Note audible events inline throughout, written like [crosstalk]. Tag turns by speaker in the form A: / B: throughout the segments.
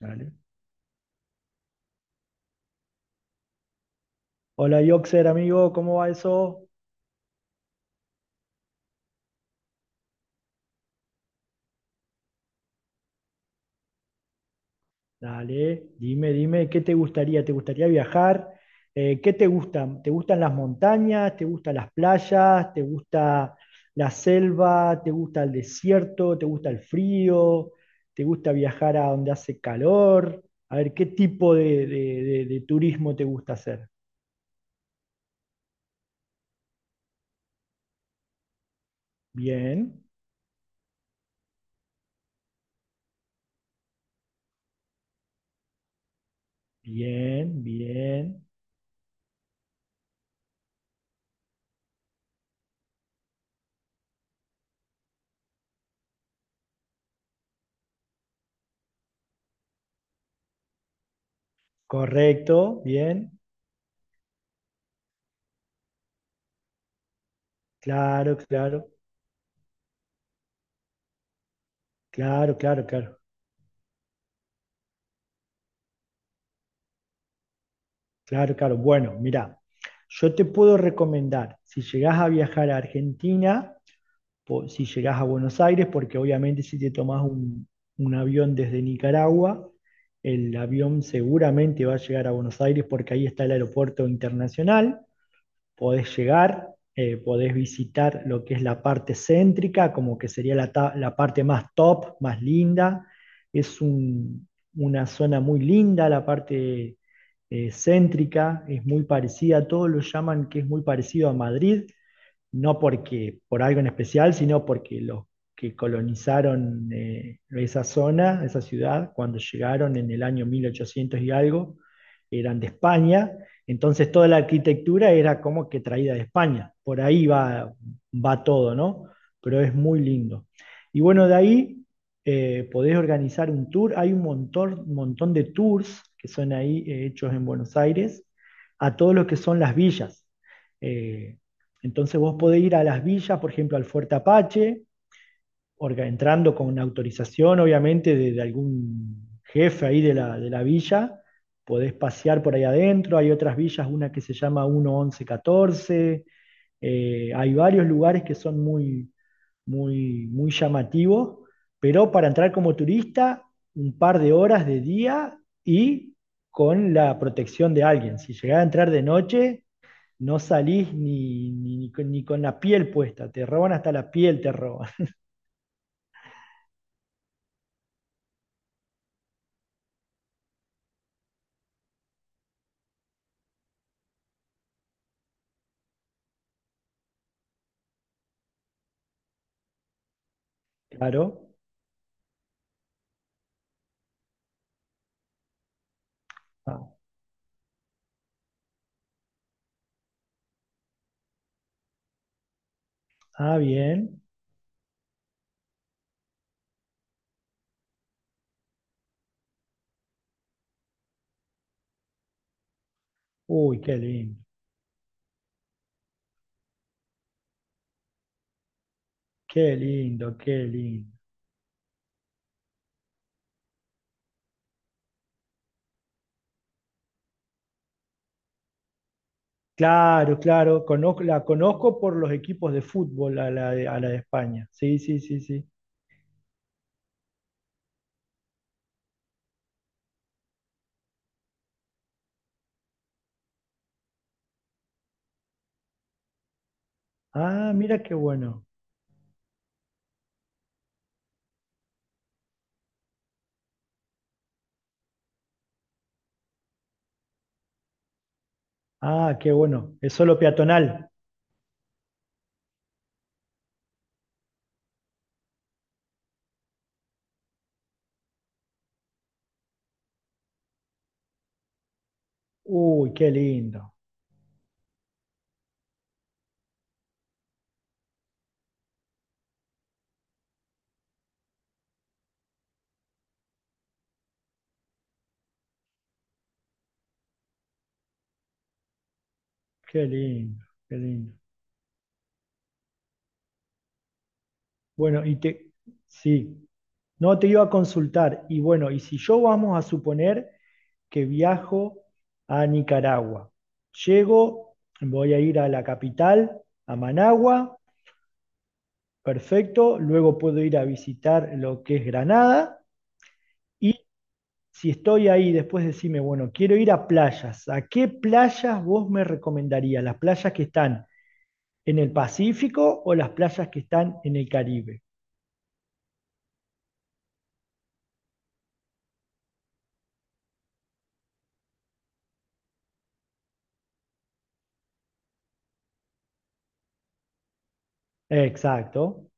A: Dale. Hola, Yoxer, amigo, ¿cómo va eso? Dale, dime, dime, ¿qué te gustaría? ¿Te gustaría viajar? ¿Qué te gustan? ¿Te gustan las montañas? ¿Te gustan las playas? ¿Te gusta la selva? ¿Te gusta el desierto? ¿Te gusta el frío? ¿Te gusta viajar a donde hace calor? A ver, ¿qué tipo de turismo te gusta hacer? Bien, bien, bien. Correcto, bien. Claro, claro, claro, claro, claro. Claro, claro. Bueno, mira, yo te puedo recomendar, si llegás a viajar a Argentina, si llegás a Buenos Aires, porque obviamente si te tomás un avión desde Nicaragua, el avión seguramente va a llegar a Buenos Aires porque ahí está el aeropuerto internacional. Podés llegar, podés visitar lo que es la parte céntrica, como que sería la parte más top, más linda. Es una zona muy linda, la parte céntrica, es muy parecida, todos lo llaman que es muy parecido a Madrid, no porque por algo en especial, sino porque los que colonizaron esa zona, esa ciudad, cuando llegaron en el año 1800 y algo, eran de España, entonces toda la arquitectura era como que traída de España, por ahí va todo, ¿no? Pero es muy lindo. Y bueno, de ahí podés organizar un tour, hay un montón, montón de tours que son ahí hechos en Buenos Aires, a todos los que son las villas. Eh, entonces vos podés ir a las villas, por ejemplo, al Fuerte Apache, entrando con una autorización, obviamente, de algún jefe ahí de la villa. Podés pasear por ahí adentro. Hay otras villas, una que se llama 11114. Hay varios lugares que son muy, muy, muy llamativos, pero para entrar como turista, un par de horas de día y con la protección de alguien. Si llegás a entrar de noche, no salís ni con la piel puesta, te roban hasta la piel, te roban. [laughs] Claro. Ah, ah, bien. Uy, qué lindo, qué lindo, qué lindo. Claro, claro, la conozco por los equipos de fútbol a la de España. Sí, sí, sí, sí. Ah, mira qué bueno. Ah, qué bueno. Es solo peatonal. Uy, qué lindo, qué lindo, qué lindo. Bueno, sí, no te iba a consultar. Y bueno, y si yo vamos a suponer que viajo a Nicaragua. Llego, voy a ir a la capital, a Managua, perfecto, luego puedo ir a visitar lo que es Granada y si estoy ahí, después decime, bueno, quiero ir a playas, ¿a qué playas vos me recomendarías? ¿Las playas que están en el Pacífico o las playas que están en el Caribe? Exacto.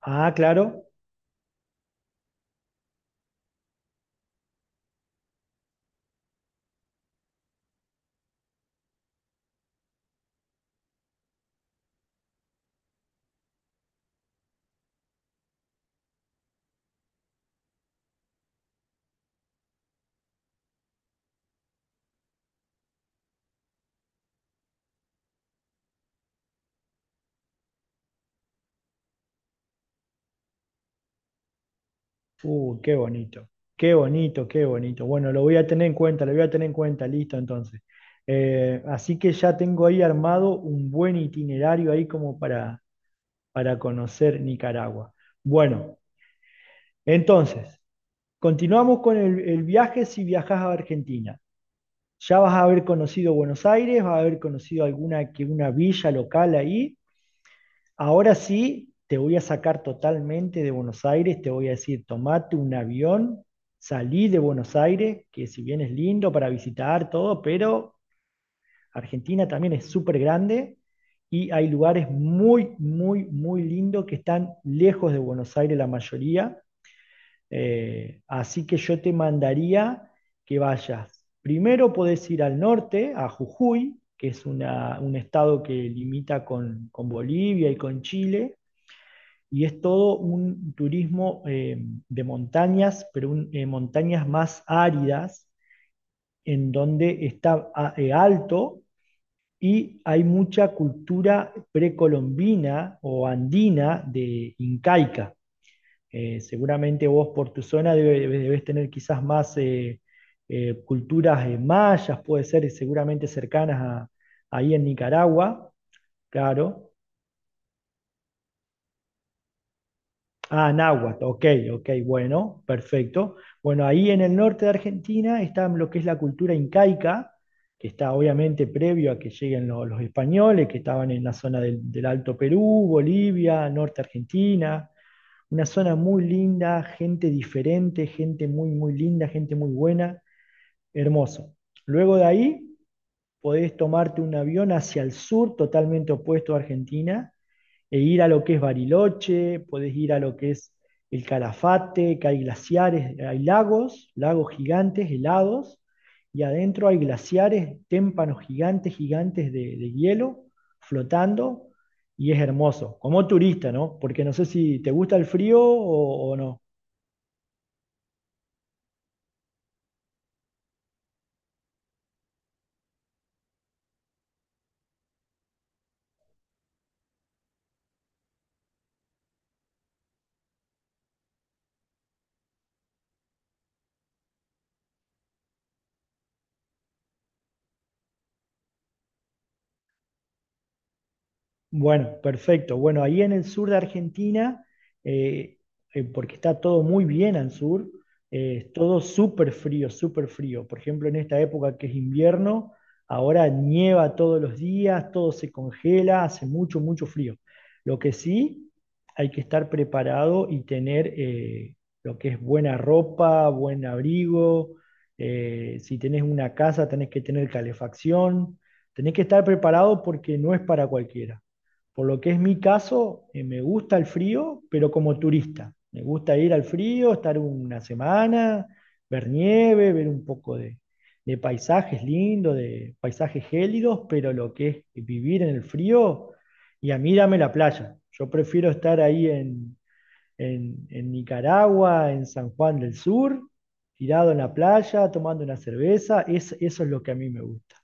A: Ah, claro. Qué bonito, qué bonito, qué bonito. Bueno, lo voy a tener en cuenta, lo voy a tener en cuenta, listo entonces. Así que ya tengo ahí armado un buen itinerario ahí como para conocer Nicaragua. Bueno, entonces, continuamos con el viaje si viajas a Argentina. Ya vas a haber conocido Buenos Aires, vas a haber conocido alguna que una villa local ahí. Ahora sí, te voy a sacar totalmente de Buenos Aires, te voy a decir, tomate un avión, salí de Buenos Aires, que si bien es lindo para visitar todo, pero Argentina también es súper grande y hay lugares muy, muy, muy lindos que están lejos de Buenos Aires la mayoría. Así que yo te mandaría que vayas. Primero podés ir al norte, a Jujuy, que es un estado que limita con Bolivia y con Chile y es todo un turismo de montañas, pero montañas más áridas, en donde está alto y hay mucha cultura precolombina o andina de incaica. Seguramente vos por tu zona debes tener quizás más culturas mayas, puede ser seguramente cercanas ahí en Nicaragua, claro. Ah, náhuatl, ok, ok, bueno, perfecto. Bueno, ahí en el norte de Argentina está lo que es la cultura incaica, que está obviamente previo a que lleguen los españoles, que estaban en la zona del Alto Perú, Bolivia, norte Argentina, una zona muy linda, gente diferente, gente muy, muy linda, gente muy buena, hermoso. Luego de ahí podés tomarte un avión hacia el sur, totalmente opuesto a Argentina e ir a lo que es Bariloche, podés ir a lo que es el Calafate, que hay glaciares, hay lagos, lagos gigantes, helados, y adentro hay glaciares, témpanos gigantes, gigantes de hielo flotando, y es hermoso, como turista, ¿no? Porque no sé si te gusta el frío o no. Bueno, perfecto. Bueno, ahí en el sur de Argentina, eh, porque está todo muy bien al sur, es todo súper frío, súper frío. Por ejemplo, en esta época que es invierno, ahora nieva todos los días, todo se congela, hace mucho, mucho frío. Lo que sí, hay que estar preparado y tener lo que es buena ropa, buen abrigo. Si tenés una casa, tenés que tener calefacción. Tenés que estar preparado porque no es para cualquiera. Por lo que es mi caso, me gusta el frío, pero como turista. Me gusta ir al frío, estar una semana, ver nieve, ver un poco de paisajes lindos, de paisajes gélidos, pero lo que es vivir en el frío, y a mí dame la playa. Yo prefiero estar ahí en, en Nicaragua, en San Juan del Sur, tirado en la playa, tomando una cerveza. Eso es lo que a mí me gusta.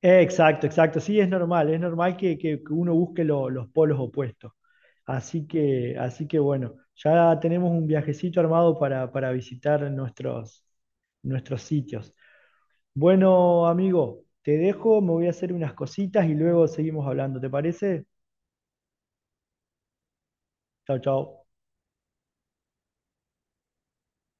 A: Exacto, exacto. Sí, es normal que uno busque los polos opuestos. Así que bueno, ya tenemos un viajecito armado para visitar nuestros sitios. Bueno, amigo, te dejo, me voy a hacer unas cositas y luego seguimos hablando. ¿Te parece? Chao, chao.